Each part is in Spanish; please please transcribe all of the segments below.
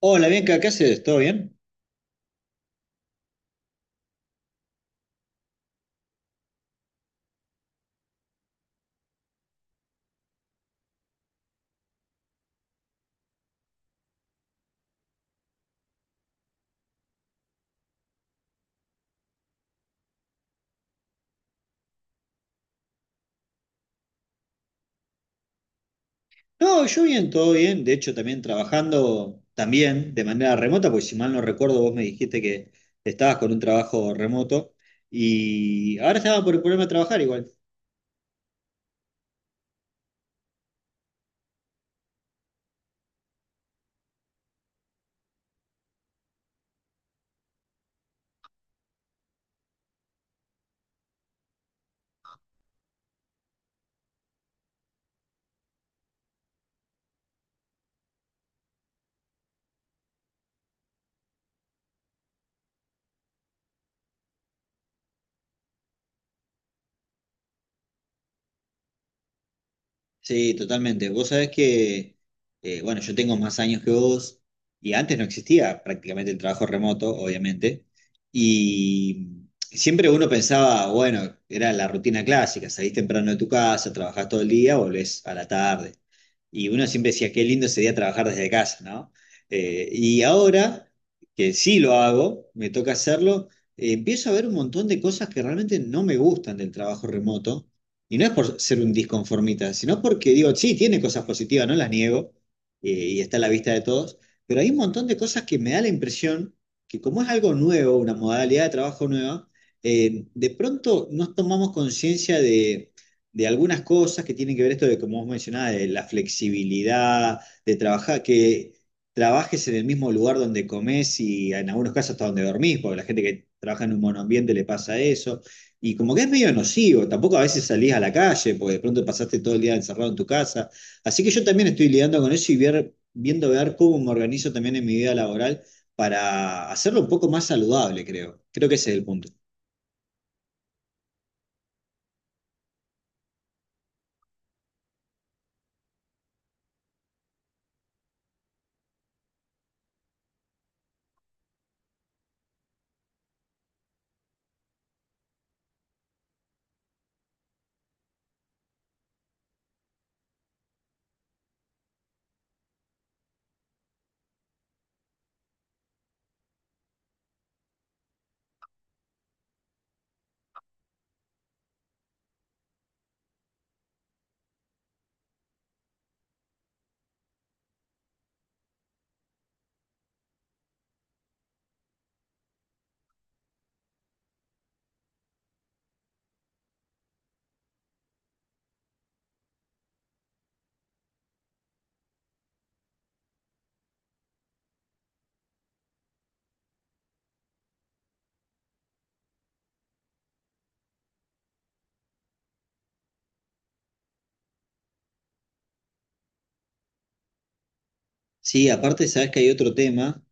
Hola, Bianca, ¿qué haces? ¿Todo bien? No, yo bien, todo bien. De hecho, también trabajando también de manera remota, porque si mal no recuerdo, vos me dijiste que estabas con un trabajo remoto y ahora estaba por ponerme a trabajar igual. Sí, totalmente. Vos sabés que, bueno, yo tengo más años que vos y antes no existía prácticamente el trabajo remoto, obviamente. Y siempre uno pensaba, bueno, era la rutina clásica, salís temprano de tu casa, trabajás todo el día, volvés a la tarde. Y uno siempre decía, qué lindo sería trabajar desde casa, ¿no? Y ahora que sí lo hago, me toca hacerlo, empiezo a ver un montón de cosas que realmente no me gustan del trabajo remoto y no es por ser un disconformista, sino porque digo, sí, tiene cosas positivas, no las niego, y está a la vista de todos, pero hay un montón de cosas que me da la impresión que como es algo nuevo, una modalidad de trabajo nueva, de pronto nos tomamos conciencia de algunas cosas que tienen que ver esto de, como vos mencionabas, de la flexibilidad, de trabajar, que trabajes en el mismo lugar donde comes y en algunos casos hasta donde dormís, porque la gente que trabaja en un monoambiente le pasa eso y como que es medio nocivo, tampoco a veces salís a la calle, porque de pronto pasaste todo el día encerrado en tu casa. Así que yo también estoy lidiando con eso y viendo ver cómo me organizo también en mi vida laboral para hacerlo un poco más saludable, creo. Creo que ese es el punto. Sí, aparte sabes que hay otro tema,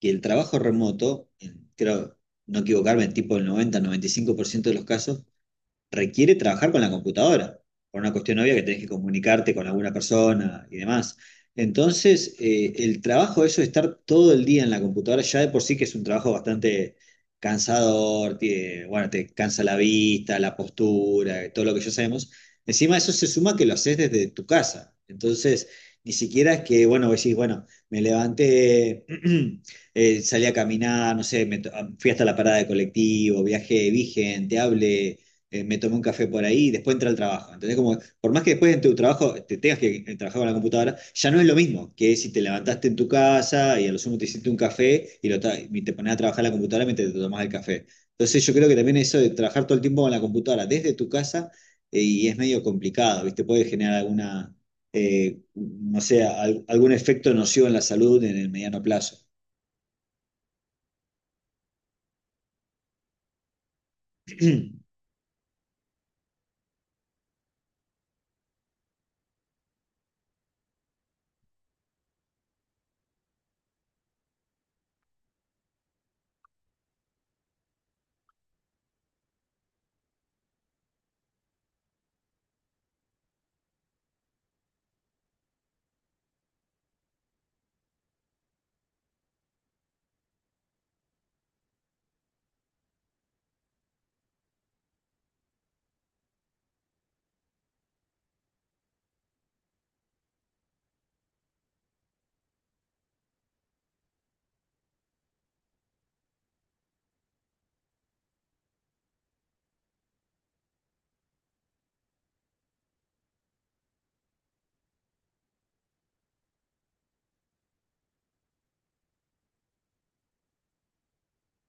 que el trabajo remoto, creo no equivocarme, tipo el 90, 95% de los casos, requiere trabajar con la computadora, por una cuestión obvia que tenés que comunicarte con alguna persona y demás. Entonces, el trabajo de eso de estar todo el día en la computadora ya de por sí que es un trabajo bastante cansador, bueno, te cansa la vista, la postura, todo lo que ya sabemos. Encima eso se suma que lo haces desde tu casa. Entonces, ni siquiera es que, bueno, vos decís, bueno, me levanté, salí a caminar, no sé, fui hasta la parada de colectivo, viajé, vi gente, hablé, me tomo un café por ahí y después entra al trabajo. ¿Entendés? Como, por más que después en tu trabajo te tengas que trabajar con la computadora, ya no es lo mismo que si te levantaste en tu casa y a lo sumo te hiciste un café, y te pones a trabajar la computadora mientras te tomás el café. Entonces yo creo que también eso de trabajar todo el tiempo con la computadora desde tu casa y es medio complicado, ¿viste? Puede generar alguna, no sé, algún efecto nocivo en la salud en el mediano plazo.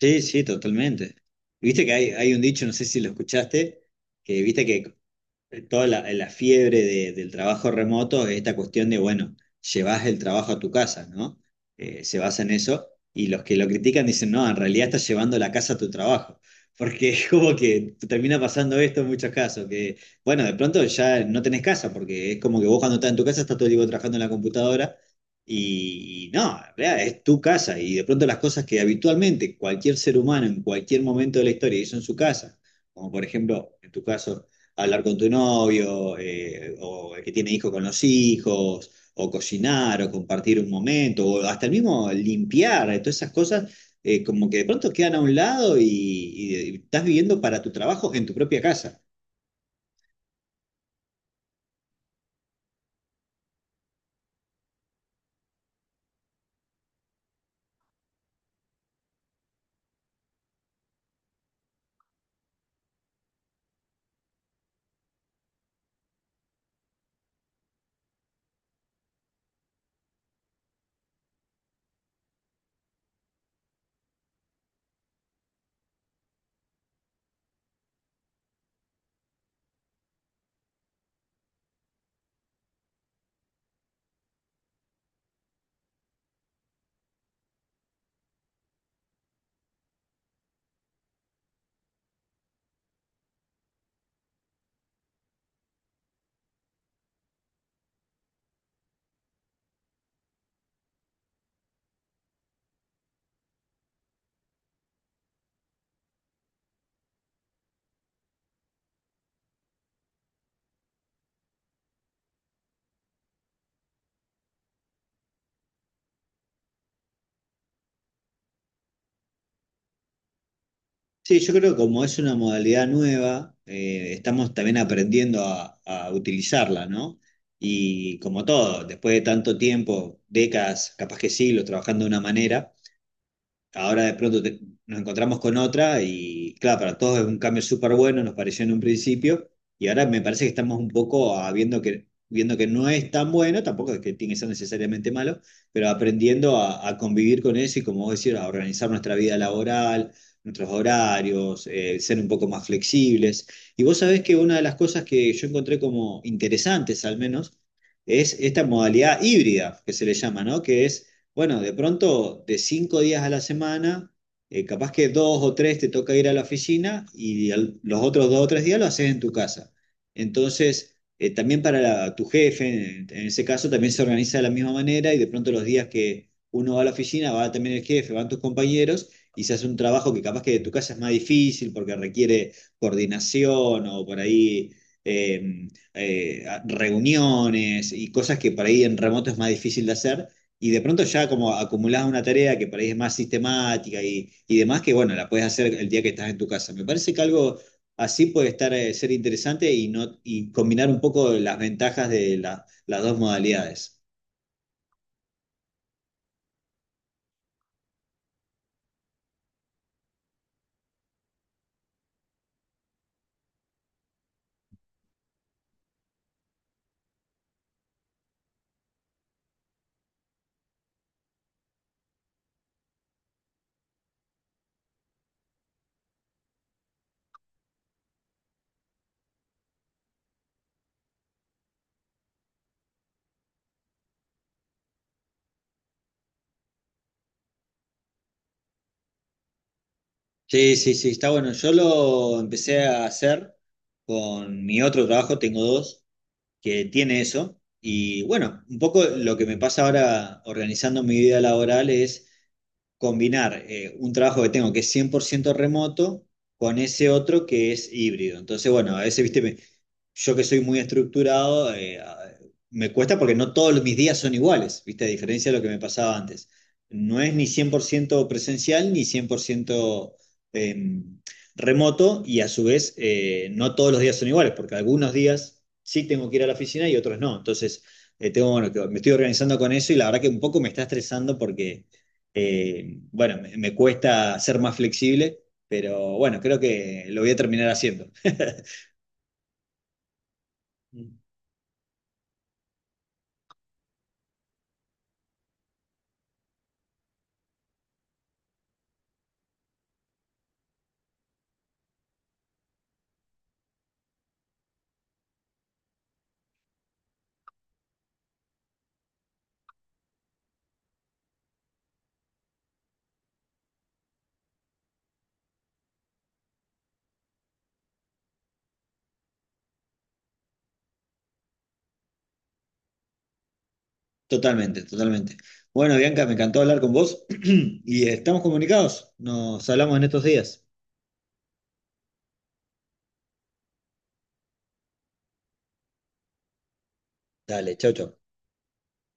Sí, sí, totalmente. Viste que hay un dicho, no sé si lo escuchaste, que viste que toda la fiebre del trabajo remoto es esta cuestión de, bueno, llevas el trabajo a tu casa, ¿no? Se basa en eso y los que lo critican dicen, no, en realidad estás llevando la casa a tu trabajo. Porque es como que termina pasando esto en muchos casos, que bueno, de pronto ya no tenés casa, porque es como que vos cuando estás en tu casa estás todo el tiempo trabajando en la computadora y no, en realidad es tu casa y de pronto las cosas que habitualmente cualquier ser humano en cualquier momento de la historia hizo en su casa, como por ejemplo en tu caso hablar con tu novio, o el que tiene hijos con los hijos, o cocinar, o compartir un momento, o hasta el mismo limpiar, todas esas cosas, como que de pronto quedan a un lado y estás viviendo para tu trabajo en tu propia casa. Sí, yo creo que como es una modalidad nueva, estamos también aprendiendo a utilizarla, ¿no? Y como todo, después de tanto tiempo, décadas, capaz que siglos, trabajando de una manera. Ahora de pronto nos encontramos con otra y claro, para todos es un cambio súper bueno, nos pareció en un principio, y ahora me parece que estamos un poco viendo que no es tan bueno, tampoco es que tiene que ser necesariamente malo, pero aprendiendo a convivir con eso y como vos decís, a organizar nuestra vida laboral, nuestros horarios, ser un poco más flexibles. Y vos sabés que una de las cosas que yo encontré como interesantes al menos es esta modalidad híbrida que se le llama, ¿no? Que es bueno, de pronto, de cinco días a la semana, capaz que dos o tres te toca ir a la oficina y los otros dos o tres días lo haces en tu casa. Entonces, también para tu jefe, en ese caso, también se organiza de la misma manera y de pronto los días que uno va a la oficina, va también el jefe, van tus compañeros y se hace un trabajo que capaz que de tu casa es más difícil porque requiere coordinación o por ahí... em, reuniones y cosas que por ahí en remoto es más difícil de hacer, y de pronto ya como acumulás una tarea que por ahí es más sistemática y demás, que bueno, la puedes hacer el día que estás en tu casa. Me parece que algo así puede estar, ser interesante y, no, y combinar un poco las ventajas de las dos modalidades. Sí, sí, sí, está bueno. Yo lo empecé a hacer con mi otro trabajo, tengo dos, que tiene eso. Y bueno, un poco lo que me pasa ahora organizando mi vida laboral es combinar un trabajo que tengo que es 100% remoto con ese otro que es híbrido. Entonces, bueno, a veces, viste, yo que soy muy estructurado, me cuesta porque no todos mis días son iguales, ¿viste? A diferencia de lo que me pasaba antes. No es ni 100% presencial ni 100% em, remoto y a su vez no todos los días son iguales, porque algunos días sí tengo que ir a la oficina y otros no. Entonces, tengo, bueno, me estoy organizando con eso y la verdad que un poco me está estresando porque, bueno, me cuesta ser más flexible, pero bueno, creo que lo voy a terminar haciendo. Totalmente, totalmente. Bueno, Bianca, me encantó hablar con vos y estamos comunicados. Nos hablamos en estos días. Dale, chau, chau.